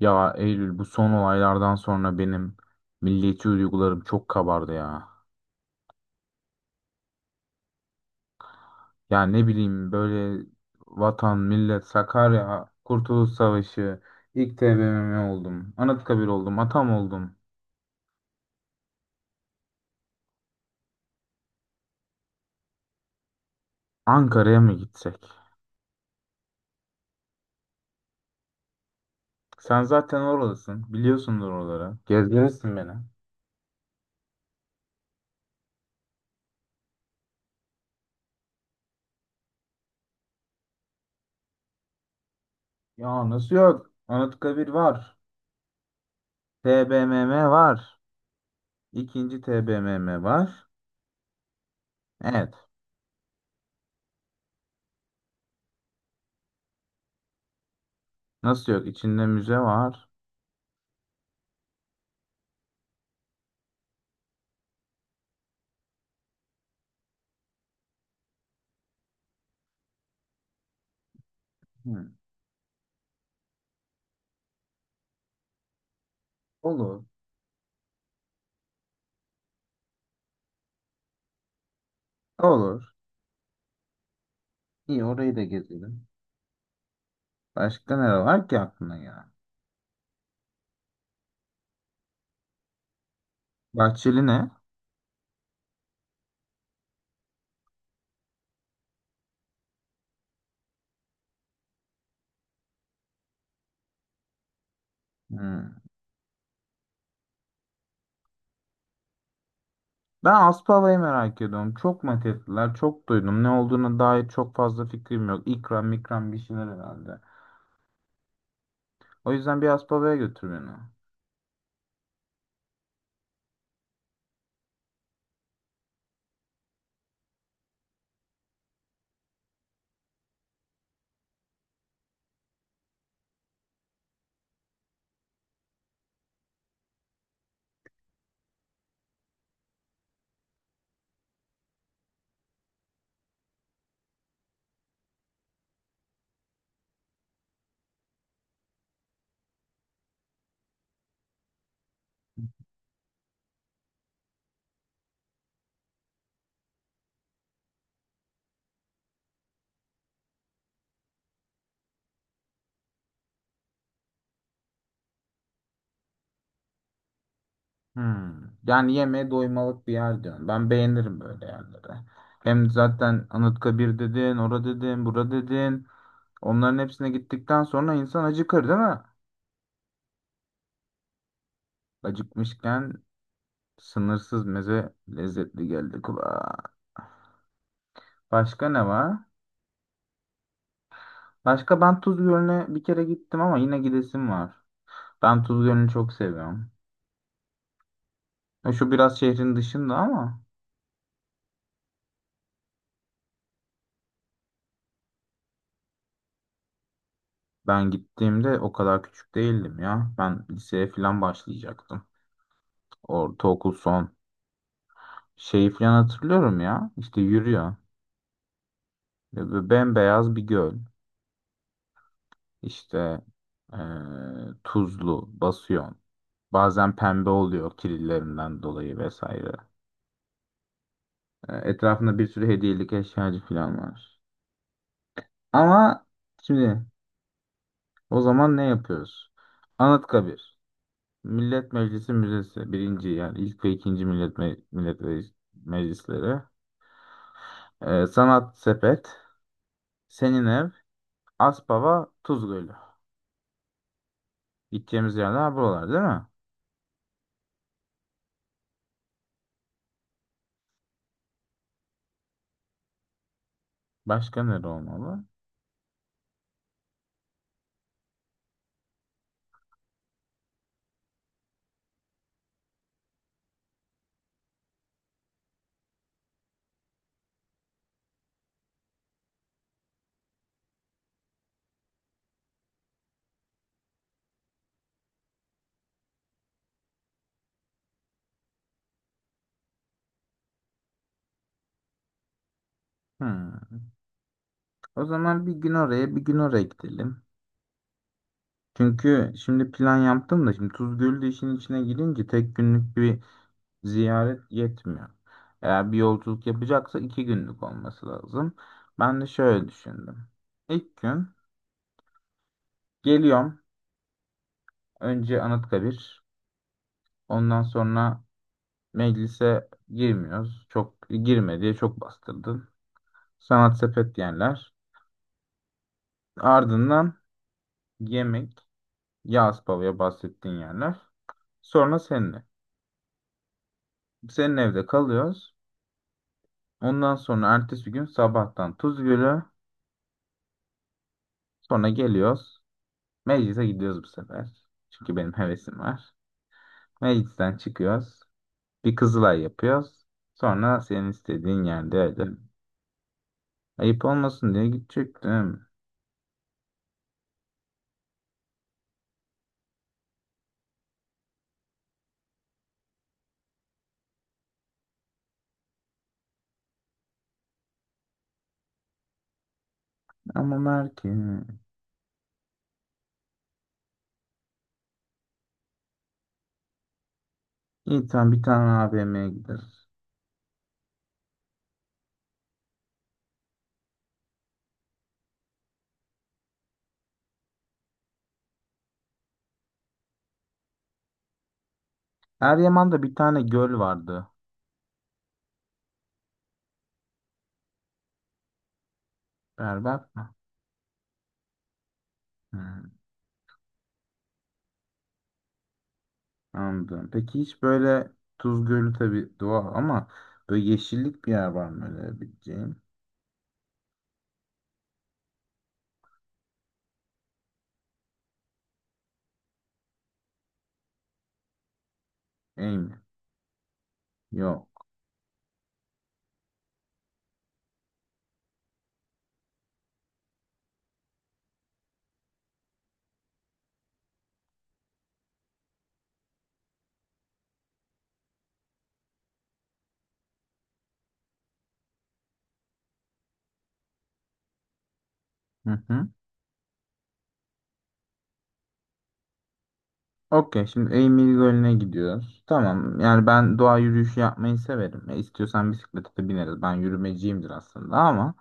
Ya Eylül, bu son olaylardan sonra benim milliyetçi duygularım çok kabardı ya. Ya ne bileyim, böyle vatan, millet, Sakarya, Kurtuluş Savaşı, ilk TBMM oldum, Anıtkabir oldum, Atam oldum. Ankara'ya mı gitsek? Sen zaten oralısın, biliyorsundur oraları. Gezdirirsin beni. Ya nasıl yok? Anıtkabir var, TBMM var, ikinci TBMM var. Evet, nasıl yok? İçinde müze var. Hı. Olur. Olur. İyi, orayı da gezelim. Başka ne var ki aklına ya? Bahçeli ne? Hmm. Ben Aspava'yı merak ediyorum. Çok mat ettiler, çok duydum. Ne olduğuna dair çok fazla fikrim yok. İkram mikram bir şeyler herhalde. O yüzden bir Aspava'ya götür beni. Hmm. Yani yemeğe doymalık bir yer diyorum. Ben beğenirim böyle yerleri. Hem zaten Anıtkabir dedin, ora dedin, bura dedin. Onların hepsine gittikten sonra insan acıkır değil mi? Acıkmışken sınırsız meze lezzetli geldi kulağa. Başka ne var? Başka, ben Tuz Gölü'ne bir kere gittim ama yine gidesim var. Ben Tuz Gölü'nü çok seviyorum. Şu biraz şehrin dışında ama ben gittiğimde o kadar küçük değildim ya. Ben liseye falan başlayacaktım. Ortaokul son. Şeyi falan hatırlıyorum ya. İşte yürüyor. Ve böyle bembeyaz bir göl. İşte e, tuzlu, basıyor. Bazen pembe oluyor kirillerinden dolayı vesaire. Etrafında bir sürü hediyelik eşyacı falan var. Ama şimdi o zaman ne yapıyoruz? Anıtkabir. Millet Meclisi Müzesi. Birinci yani ilk ve ikinci Millet, Meclisleri. Sanat Sepet. Senin ev. Aspava. Tuz Gölü. Gideceğimiz yerler buralar değil mi? Başka nere olmalı? Hmm. O zaman bir gün oraya bir gün oraya gidelim. Çünkü şimdi plan yaptım da, şimdi Tuz Gölü de işin içine girince tek günlük bir ziyaret yetmiyor. Eğer bir yolculuk yapacaksa iki günlük olması lazım. Ben de şöyle düşündüm. İlk gün geliyorum. Önce Anıtkabir. Ondan sonra meclise girmiyoruz. Çok girme diye çok bastırdın. Sanat sepet yerler. Ardından yemek. Yağız Pava'ya bahsettiğin yerler. Sonra seninle. Senin evde kalıyoruz. Ondan sonra ertesi gün sabahtan Tuzgölü, sonra geliyoruz. Meclise gidiyoruz bu sefer. Çünkü benim hevesim var. Meclisten çıkıyoruz. Bir Kızılay yapıyoruz. Sonra senin istediğin yerde öyle. Ayıp olmasın diye gidecektim. Ama Merke. İyi, tamam, bir tane AVM'ye gideriz. Eryaman'da bir tane göl vardı. Berbat mı? Hmm, anladım. Peki hiç böyle Tuz Gölü tabii doğal ama böyle yeşillik bir yer var mı öyle bileceğim? İyi mi? Yok. Hı hı. Okey, şimdi Eymir Gölü'ne gidiyoruz. Tamam, yani ben doğa yürüyüşü yapmayı severim. İstiyorsan bisiklete de bineriz. Ben yürümeciyimdir aslında ama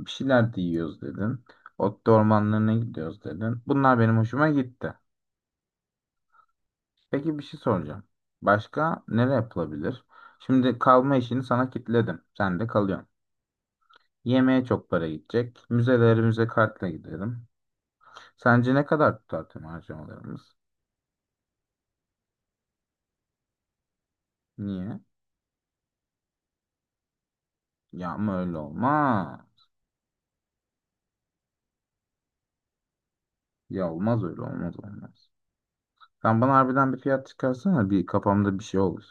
bir şeyler de yiyoruz dedin. Ot ormanlarına gidiyoruz dedin. Bunlar benim hoşuma gitti. Peki, bir şey soracağım. Başka nereye yapılabilir? Şimdi kalma işini sana kitledim. Sen de kalıyorsun. Yemeğe çok para gidecek. Müzeleri müze kartla gidelim. Sence ne kadar tutar tüm harcamalarımız? Niye? Ya ama öyle olmaz. Ya olmaz, öyle olmaz, olmaz. Sen bana harbiden bir fiyat çıkarsana, bir kafamda bir şey olur.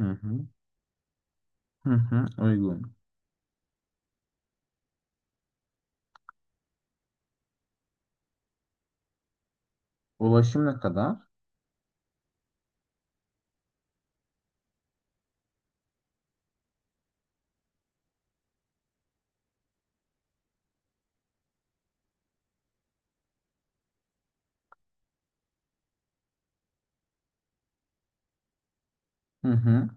Hı hı. Hı hı, uygun. Ulaşım ne kadar? Hı hı.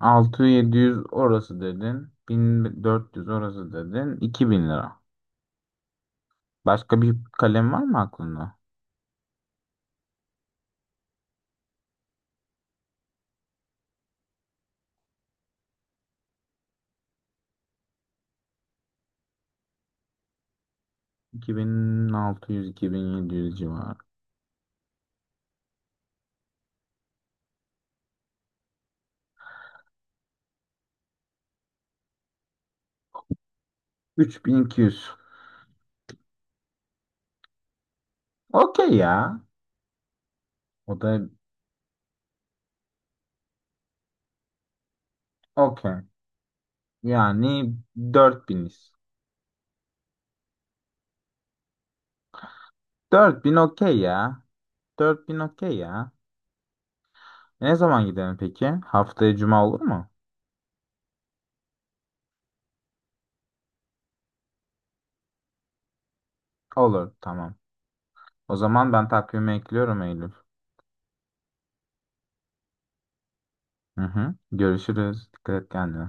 600-700 orası dedin. 1.400 orası dedin. 2.000 lira. Başka bir kalem var mı aklında? 2600-2700 civarı. 3200. Okey ya. O da okey. Yani 4.000'iz. 4.000 okey ya. 4.000 okey ya. Ne zaman gidelim peki? Haftaya cuma olur mu? Olur, tamam. O zaman ben takvime ekliyorum Eylül. Hı hı. Görüşürüz. Dikkat et kendine.